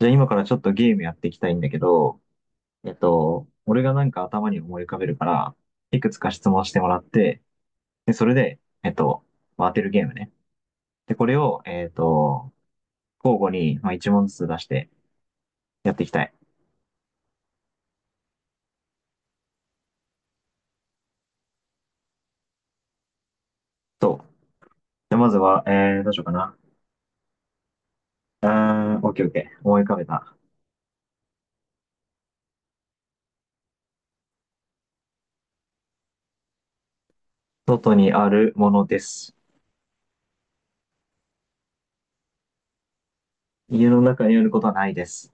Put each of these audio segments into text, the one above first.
じゃあ今からちょっとゲームやっていきたいんだけど、俺がなんか頭に思い浮かべるから、いくつか質問してもらって、で、それで、まあ当てるゲームね。で、これを、交互に、まあ、一問ずつ出してやっていきたい。と、で、まずは、どうしようかな。オッケーオッケー。思い浮かべた。外にあるものです。家の中にあることはないです。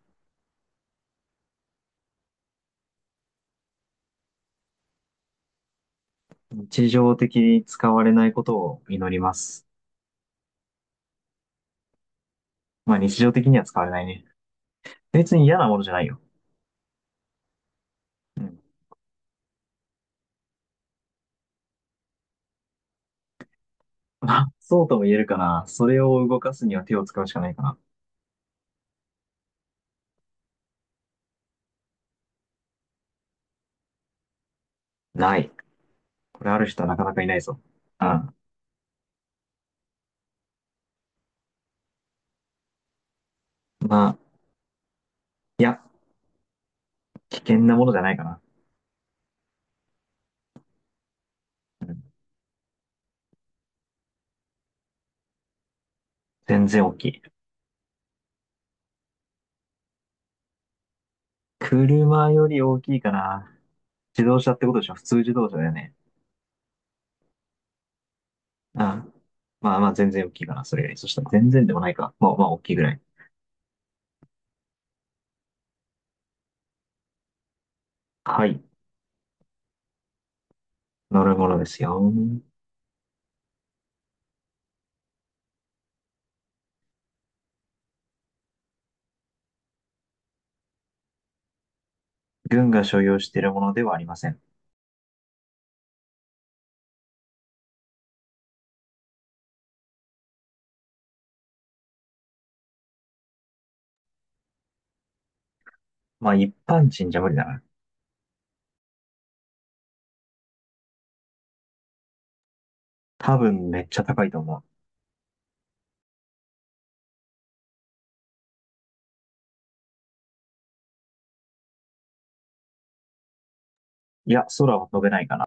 日常的に使われないことを祈ります。まあ日常的には使われないね。別に嫌なものじゃないよ。うん。 まあ、そうとも言えるかな。それを動かすには手を使うしかないかな。ない。これある人はなかなかいないぞ。うん。まあ、いや、危険なものじゃないかな。うん。全然大きい。車より大きいかな。自動車ってことでしょ？普通自動車だよね。うん。まあまあ、全然大きいかな。それより。そしたら全然でもないか。まあまあ、大きいぐらい。はい。乗るものですよ。軍が所有しているものではありません。まあ、一般人じゃ無理だな。多分めっちゃ高いと思う。いや、空は飛べないかな。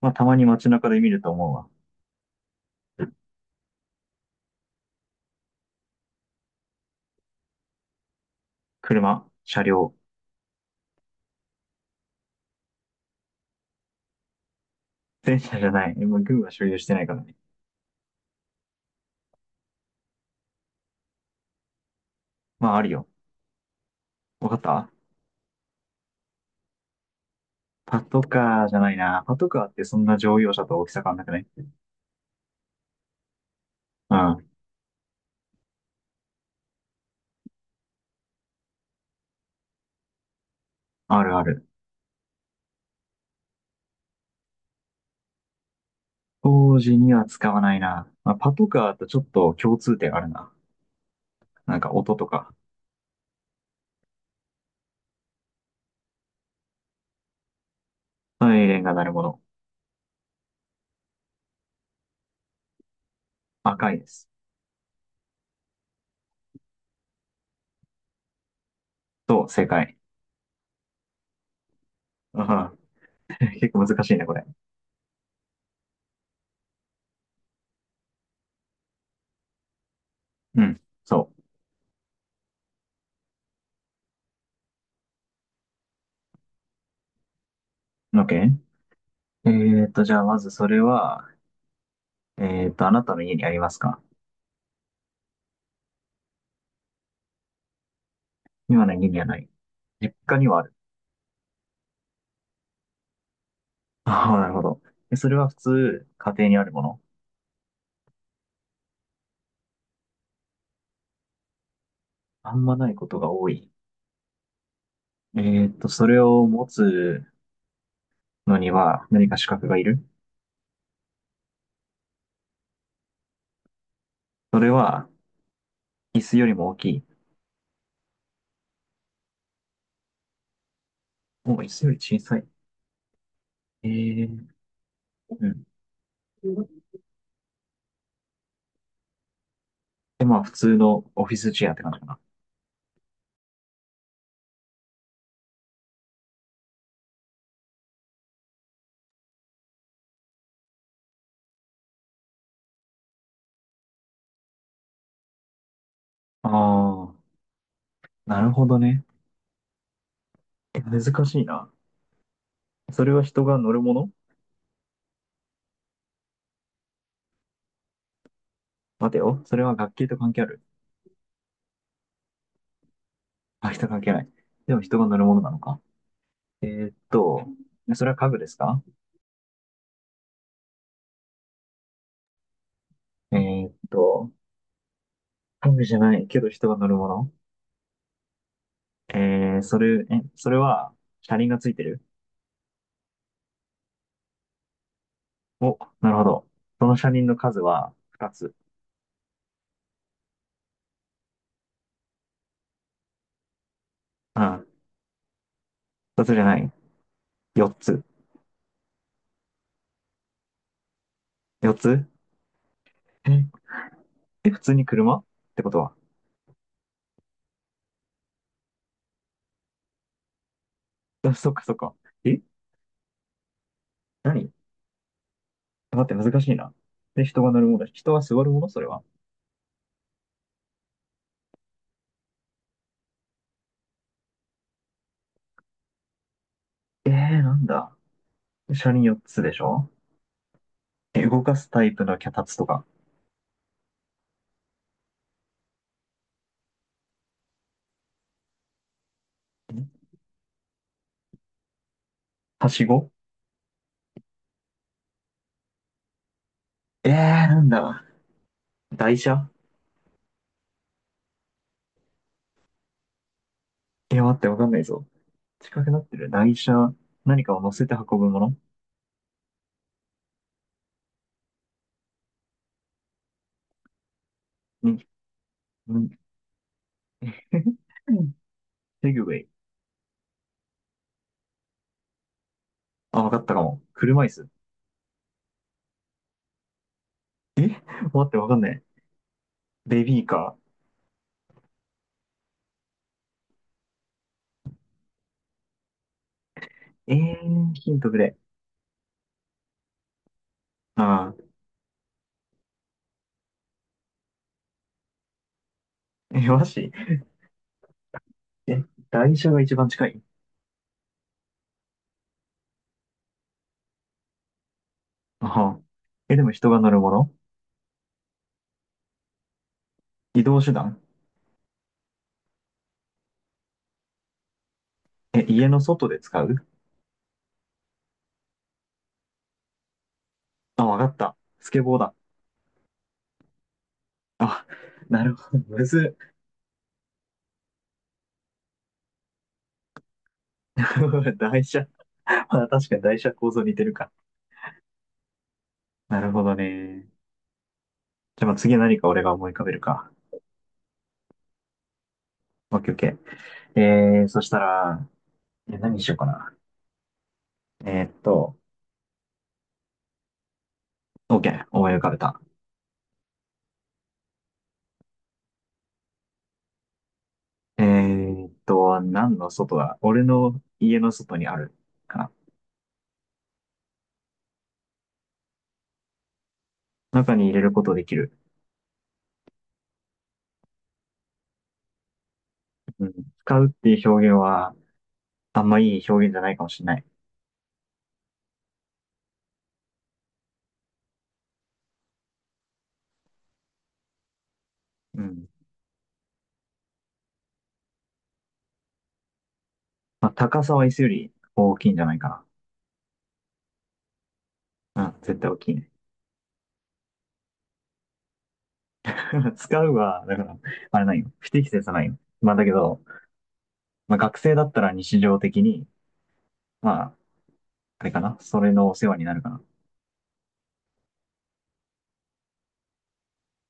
まあ、たまに街中で見ると思うわ。車、車両、電車じゃない。まあ、軍は所有してないからね。まあ、あるよ。わかった。パトカーじゃないな。パトカーってそんな乗用車と大きさ変わんなくない？うん。あるある。当時には使わないな。まあ、パトカーとちょっと共通点あるな。なんか音とか。サイレンが鳴るもの。赤いです。そう、正解。ああ、結構難しいね、これ。うん。そう。OK？ じゃあまずそれは、あなたの家にありますか？今の家にはない。実家にはある。ああ、なるほど。でそれは普通、家庭にあるもの？あんまないことが多い。えそれを持つのには何か資格がいる？それは、椅子よりも大きい？もう椅子より小さい。えー、うん。で、まあ、普通のオフィスチェアって感じかな。ああ、なるほどね。難しいな。それは人が乗るもの？待てよ。それは学級と関係ある？あ、人関係ない。でも人が乗るものなのか。えーっと、それは家具ですか？えーっと、装備じゃないけど人が乗るもの？それは車輪がついてる？お、なるほど。その車輪の数は？2つ。うん。2つじゃない。4つ。4つ？え、普通に車ってことは。あ、そっかそっか。え何？待って、難しいな。で、人が乗るもの、人は座るもの、それは。えー、なんだ。車輪4つでしょ？動かすタイプの脚立とか。んはしご？なんだ。台車？いや、待って、わかんないぞ。近くなってる。台車、何かを乗せて運ぶものに、に セグウェイ？ あ、わかったかも。車椅子。待って、わかんない。ベビーカー。ヒントくれ。あーえ、マジ？え、台車が一番近い？あは。でも人が乗るもの？移動手段？家の外で使う？あ、わかった。スケボーだ。あ、なるほど。むずっ。台車。まあ、確かに台車構造似てるか。なるほどね。じゃあ、まあ次何か俺が思い浮かべるか。オッケーオッケー。そしたら、何にしようかな。えーっと、OK、思い浮かべた。何の外だ？俺の家の外にあるかな。中に入れることできる。うん、使うっていう表現は、あんまいい表現じゃないかもしれない。うん。まあ、高さは椅子より大きいんじゃないかな。うん、絶対大きいね。使うは、だから、あれないよ。不適切はないよ。まあだけど、まあ学生だったら日常的に、まあ、あれかな。それのお世話になるかな。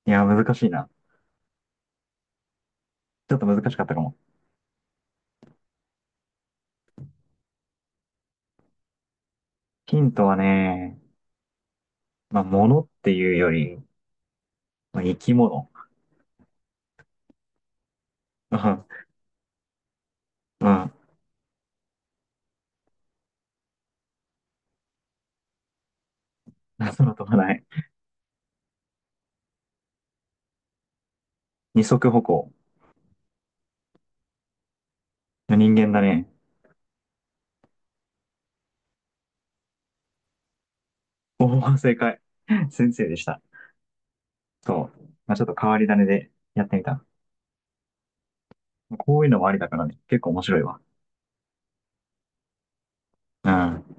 いや、難しいな。ちょっと難しかったかも。ヒントはね、まあ、物っていうより、まあ、生き物。うん、うん。空飛ばない。二足歩行。人間だね。おお、正解。先生でした。そう。まあ、ちょっと変わり種でやってみた。こういうのもありだからね。結構面白いわ。うん。